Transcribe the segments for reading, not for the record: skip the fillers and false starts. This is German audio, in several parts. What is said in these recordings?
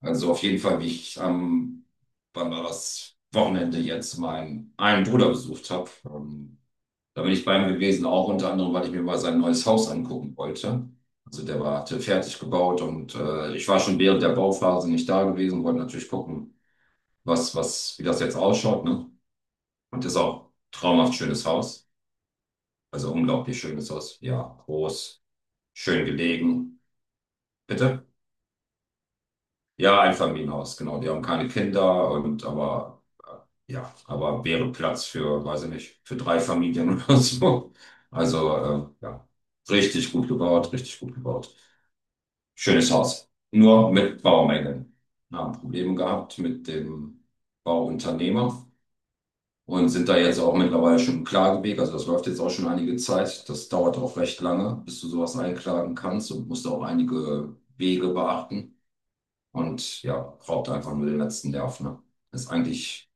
Also auf jeden Fall, wie ich am, wann war das Wochenende jetzt, meinen einen Bruder besucht habe. Da bin ich bei ihm gewesen, auch unter anderem, weil ich mir mal sein neues Haus angucken wollte. Also der war, hatte fertig gebaut und ich war schon während der Bauphase nicht da gewesen, wollte natürlich gucken, wie das jetzt ausschaut, ne? Und ist auch traumhaft schönes Haus. Also unglaublich schönes Haus. Ja, groß, schön gelegen. Bitte? Ja, Einfamilienhaus, genau. Die haben keine Kinder und aber ja, aber wäre Platz für, weiß ich nicht, für drei Familien oder so. Also ja, richtig gut gebaut, richtig gut gebaut. Schönes Haus. Nur mit Baumängeln. Wir haben Probleme gehabt mit dem Bauunternehmer und sind da jetzt auch mittlerweile schon im Klageweg. Also das läuft jetzt auch schon einige Zeit. Das dauert auch recht lange, bis du sowas einklagen kannst und musst auch einige Wege beachten und ja, raubt einfach nur den letzten Nerv, ne? Das ist eigentlich,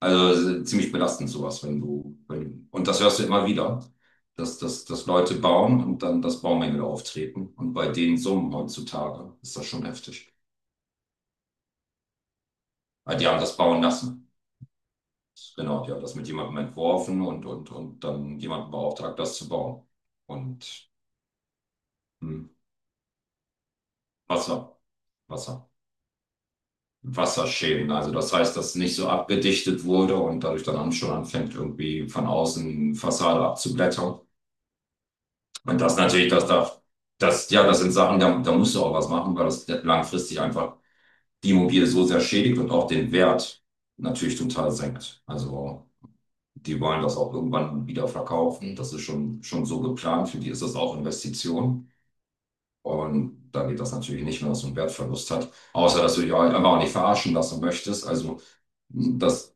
also ziemlich belastend sowas, wenn du, wenn, und das hörst du immer wieder, dass Leute bauen und dann, das Baumängel auftreten. Und bei den Summen heutzutage ist das schon heftig. Weil die haben das bauen lassen. Genau, die haben das mit jemandem entworfen und dann jemanden beauftragt, das zu bauen. Und hm, Wasser, Wasser. Wasserschäden. Also das heißt, dass nicht so abgedichtet wurde und dadurch dann schon anfängt, irgendwie von außen Fassade abzublättern. Und das natürlich, das darf, das, ja, das sind Sachen, da musst du auch was machen, weil das langfristig einfach die Immobilie so sehr schädigt und auch den Wert natürlich total senkt. Also die wollen das auch irgendwann wieder verkaufen. Das ist schon, schon so geplant. Für die ist das auch Investition. Und da geht das natürlich nicht, wenn das so einen Wertverlust hat. Außer, dass du dich halt einfach auch nicht verarschen lassen möchtest. Also das,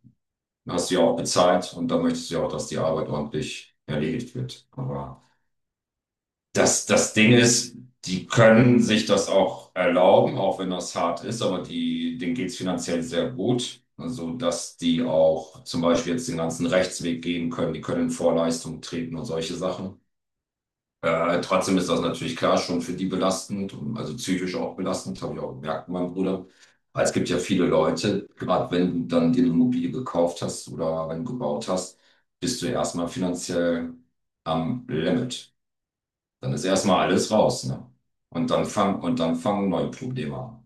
du hast sie auch bezahlt und dann möchtest du ja auch, dass die Arbeit ordentlich erledigt wird. Aber das, das Ding ist, die können sich das auch erlauben, auch wenn das hart ist, aber die, denen geht's finanziell sehr gut. Also, dass die auch zum Beispiel jetzt den ganzen Rechtsweg gehen können, die können in Vorleistungen treten und solche Sachen. Trotzdem ist das natürlich klar schon für die belastend, und also psychisch auch belastend, habe ich auch gemerkt, mein Bruder. Aber es gibt ja viele Leute, gerade wenn du dann dir eine Immobilie gekauft hast oder wenn du gebaut hast, bist du ja erstmal finanziell am Limit. Dann ist erstmal alles raus, ne? Und dann fangen neue Probleme an.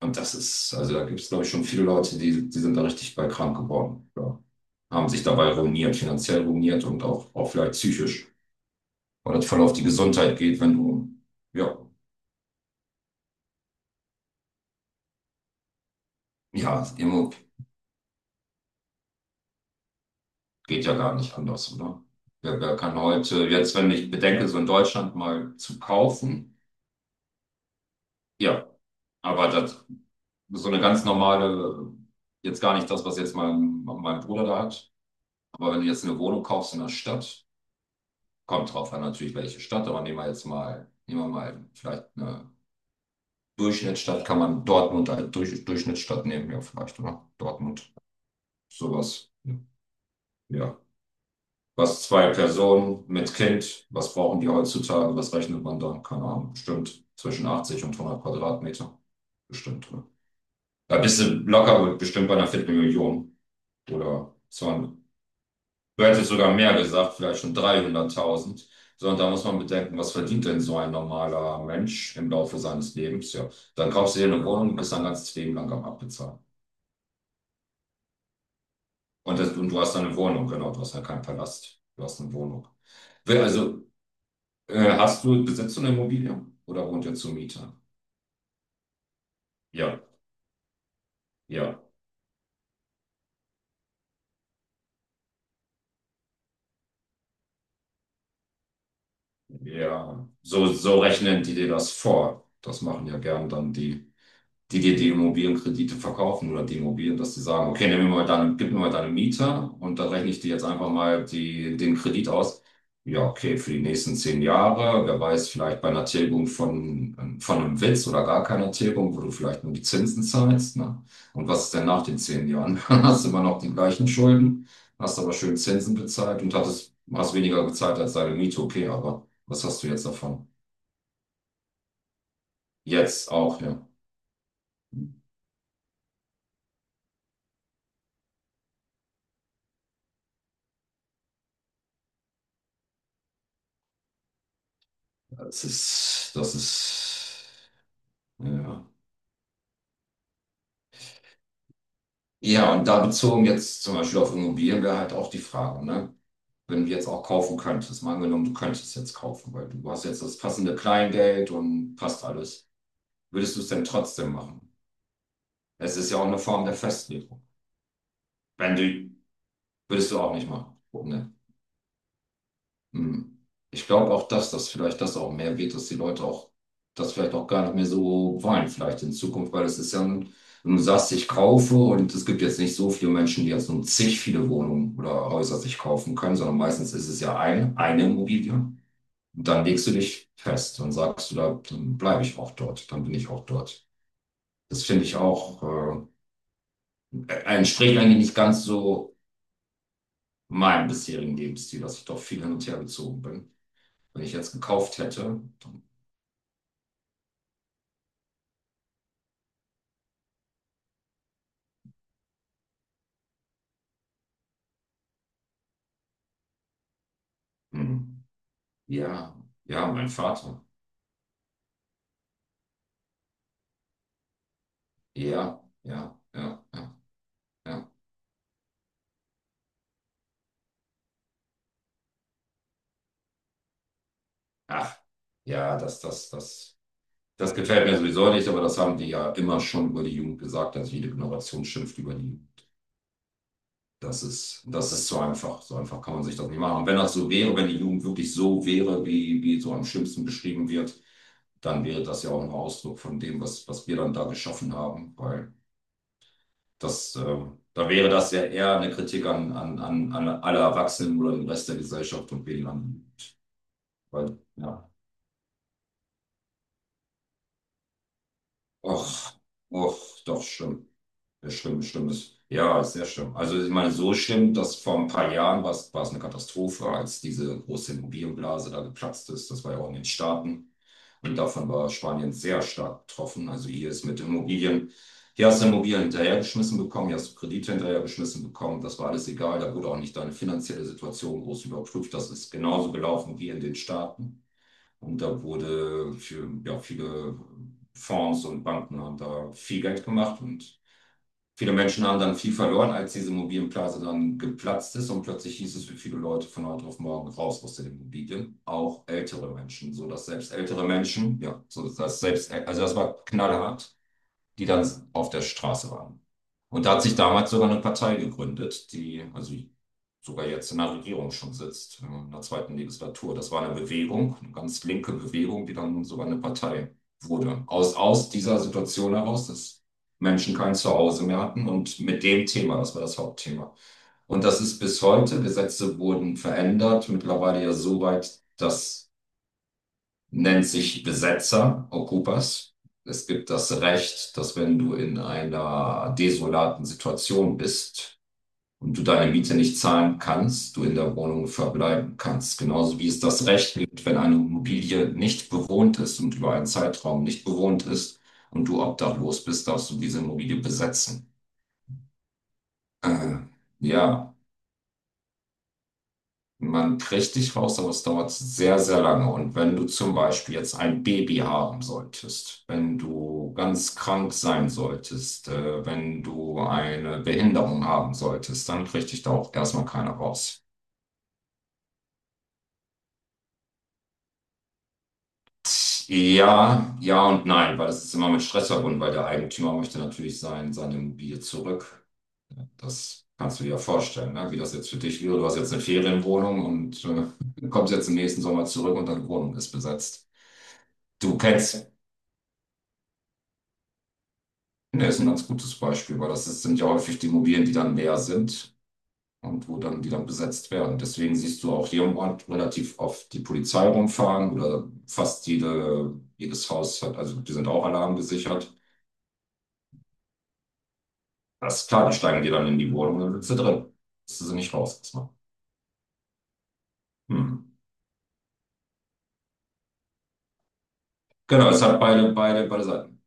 Und das ist, also da gibt es, glaube ich, schon viele Leute, die, die sind da richtig bei krank geworden. Ja. Haben sich dabei ruiniert, finanziell ruiniert und auch, auch vielleicht psychisch, weil das voll auf die Gesundheit geht, wenn du, ja, ja, Immo geht ja gar nicht anders, oder? Wer, wer kann heute, jetzt, wenn ich bedenke, so in Deutschland mal zu kaufen, ja, aber das, so eine ganz normale, jetzt gar nicht das, was jetzt mein Bruder da hat, aber wenn du jetzt eine Wohnung kaufst in der Stadt, kommt drauf an natürlich, welche Stadt, aber nehmen wir jetzt mal, nehmen wir mal vielleicht eine Durchschnittsstadt, kann man Dortmund als Durchschnittsstadt nehmen, ja, vielleicht, oder? Dortmund, sowas, ja. Was zwei Personen mit Kind, was brauchen die heutzutage? Was rechnet man da? Keine Ahnung, bestimmt zwischen 80 und 100 Quadratmeter. Bestimmt. Ne? Da bist du locker bestimmt bei einer Viertelmillion oder 200. Du hättest sogar mehr gesagt, vielleicht schon 300.000. Sondern da muss man bedenken, was verdient denn so ein normaler Mensch im Laufe seines Lebens? Ja, dann kaufst du dir eine Wohnung und bist dein ganzes Leben lang am Abbezahlen. Und, das, und du hast eine Wohnung, genau, du hast ja keinen Palast. Du hast eine Wohnung. Also hast du, besitzt du eine Immobilie oder wohnt ihr zur Miete? Ja, ja, ja. So, so rechnen die dir das vor. Das machen ja gern dann die, die dir die Immobilienkredite verkaufen oder die Immobilien, dass die sagen, okay, nimm mir mal deine, gib mir mal deine Miete und dann rechne ich dir jetzt einfach mal die, den Kredit aus. Ja, okay, für die nächsten zehn Jahre, wer weiß, vielleicht bei einer Tilgung von einem Witz oder gar keiner Tilgung, wo du vielleicht nur die Zinsen zahlst, ne? Und was ist denn nach den zehn Jahren? Dann hast du immer noch die gleichen Schulden, hast aber schön Zinsen bezahlt und hast weniger bezahlt als deine Miete, okay, aber was hast du jetzt davon? Jetzt auch, ja. Das ist. Ja. Ja, und da bezogen jetzt zum Beispiel auf Immobilien wäre halt auch die Frage, ne? Wenn du jetzt auch kaufen könntest, mal angenommen, du könntest jetzt kaufen, weil du hast jetzt das passende Kleingeld und passt alles. Würdest du es denn trotzdem machen? Es ist ja auch eine Form der Festlegung. Wenn du, würdest du auch nicht machen. Ne? Hm. Ich glaube auch, dass das vielleicht das auch mehr wird, dass die Leute auch das vielleicht auch gar nicht mehr so wollen, vielleicht in Zukunft, weil es ist ja, ein, wenn du sagst, ich kaufe und es gibt jetzt nicht so viele Menschen, die jetzt nur zig viele Wohnungen oder Häuser sich kaufen können, sondern meistens ist es ja ein, eine Immobilie. Und dann legst du dich fest und sagst du, da, dann bleibe ich auch dort, dann bin ich auch dort. Das finde ich auch, entspricht eigentlich nicht ganz so meinem bisherigen Lebensstil, dass ich doch viel hin und her gezogen bin. Wenn ich jetzt gekauft hätte, hm. Ja, ja, mein Vater. Ja, ja, ja, ja, ja. Ach, ja, das gefällt mir sowieso nicht, aber das haben die ja immer schon über die Jugend gesagt, dass jede Generation schimpft über die Jugend. Das ist so einfach. So einfach kann man sich das nicht machen. Und wenn das so wäre, wenn die Jugend wirklich so wäre, wie, wie so am schlimmsten beschrieben wird, dann wäre das ja auch ein Ausdruck von dem, was, was wir dann da geschaffen haben, weil das, da wäre das ja eher eine Kritik an alle Erwachsenen oder den Rest der Gesellschaft und weniger an, weil, ja, och, och, doch, schlimm. Ja, schlimm, schlimm ist. Ja, ist sehr schlimm. Also, ich meine, so schlimm, dass vor ein paar Jahren war es eine Katastrophe, als diese große Immobilienblase da geplatzt ist. Das war ja auch in den Staaten. Und davon war Spanien sehr stark betroffen. Also hier ist mit Immobilien, hier hast du Immobilien hinterhergeschmissen bekommen, hier hast du Kredite hinterhergeschmissen bekommen. Das war alles egal. Da wurde auch nicht deine finanzielle Situation groß überprüft. Das ist genauso gelaufen wie in den Staaten. Und da wurde für, ja, viele Fonds und Banken haben da viel Geld gemacht und viele Menschen haben dann viel verloren, als diese Immobilienblase dann geplatzt ist und plötzlich hieß es für viele Leute von heute auf morgen raus aus den Immobilien, auch ältere Menschen, so dass selbst ältere Menschen, ja, so dass selbst, also das war knallhart, die dann auf der Straße waren. Und da hat sich damals sogar eine Partei gegründet, die also sogar jetzt in der Regierung schon sitzt, in der zweiten Legislatur. Das war eine Bewegung, eine ganz linke Bewegung, die dann sogar eine Partei wurde. Aus dieser Situation heraus, dass Menschen kein Zuhause mehr hatten und mit dem Thema, das war das Hauptthema. Und das ist bis heute, Gesetze wurden verändert, mittlerweile ja so weit, dass nennt sich Besetzer, Okupas. Es gibt das Recht, dass wenn du in einer desolaten Situation bist und du deine Miete nicht zahlen kannst, du in der Wohnung verbleiben kannst. Genauso wie es das Recht gibt, wenn eine Immobilie nicht bewohnt ist und über einen Zeitraum nicht bewohnt ist und du obdachlos bist, darfst du diese Immobilie besetzen. Äh, ja. Man kriegt dich raus, aber es dauert sehr, sehr lange. Und wenn du zum Beispiel jetzt ein Baby haben solltest, wenn du ganz krank sein solltest, wenn du eine Behinderung haben solltest, dann kriegt dich da auch erstmal keiner raus. Ja, ja und nein, weil das ist immer mit Stress verbunden, weil der Eigentümer möchte natürlich sein, seine Immobilie zurück. Das kannst du dir ja vorstellen, ne? Wie das jetzt für dich wäre. Du hast jetzt eine Ferienwohnung und kommst jetzt im nächsten Sommer zurück und deine Wohnung ist besetzt. Du kennst. Ne, ist ein ganz gutes Beispiel, weil das ist, sind ja häufig die Immobilien, die dann leer sind und wo dann, die dann besetzt werden. Deswegen siehst du auch hier im Ort relativ oft die Polizei rumfahren oder fast jedes Haus hat, also die sind auch alarmgesichert. Das ist klar, die steigen dir dann in die Wohnung und dann sitzt du drin. Bist du sie nicht raus erstmal. Hm. Genau, es hat beide, beide, beide Seiten.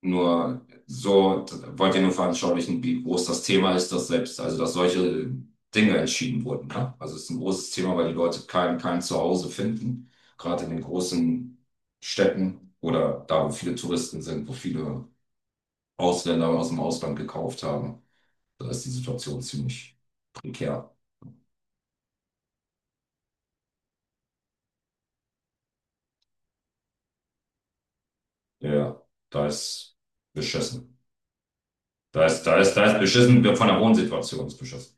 Nur so wollt ihr nur veranschaulichen, wie groß das Thema ist, dass selbst, also dass solche Dinge entschieden wurden. Ne? Also es ist ein großes Thema, weil die Leute kein Zuhause finden, gerade in den großen Städten oder da, wo viele Touristen sind, wo viele Ausländer aus dem Ausland gekauft haben. Da ist die Situation ziemlich prekär. Ja, da ist beschissen. Da ist beschissen, von der Wohnsituation ist beschissen.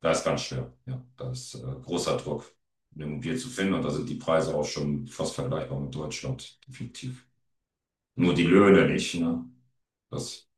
Da ist ganz schwer. Ja, da ist großer Druck, eine Immobilie zu finden. Und da sind die Preise auch schon fast vergleichbar mit Deutschland, definitiv. Nur die Löhne nicht, ne? Das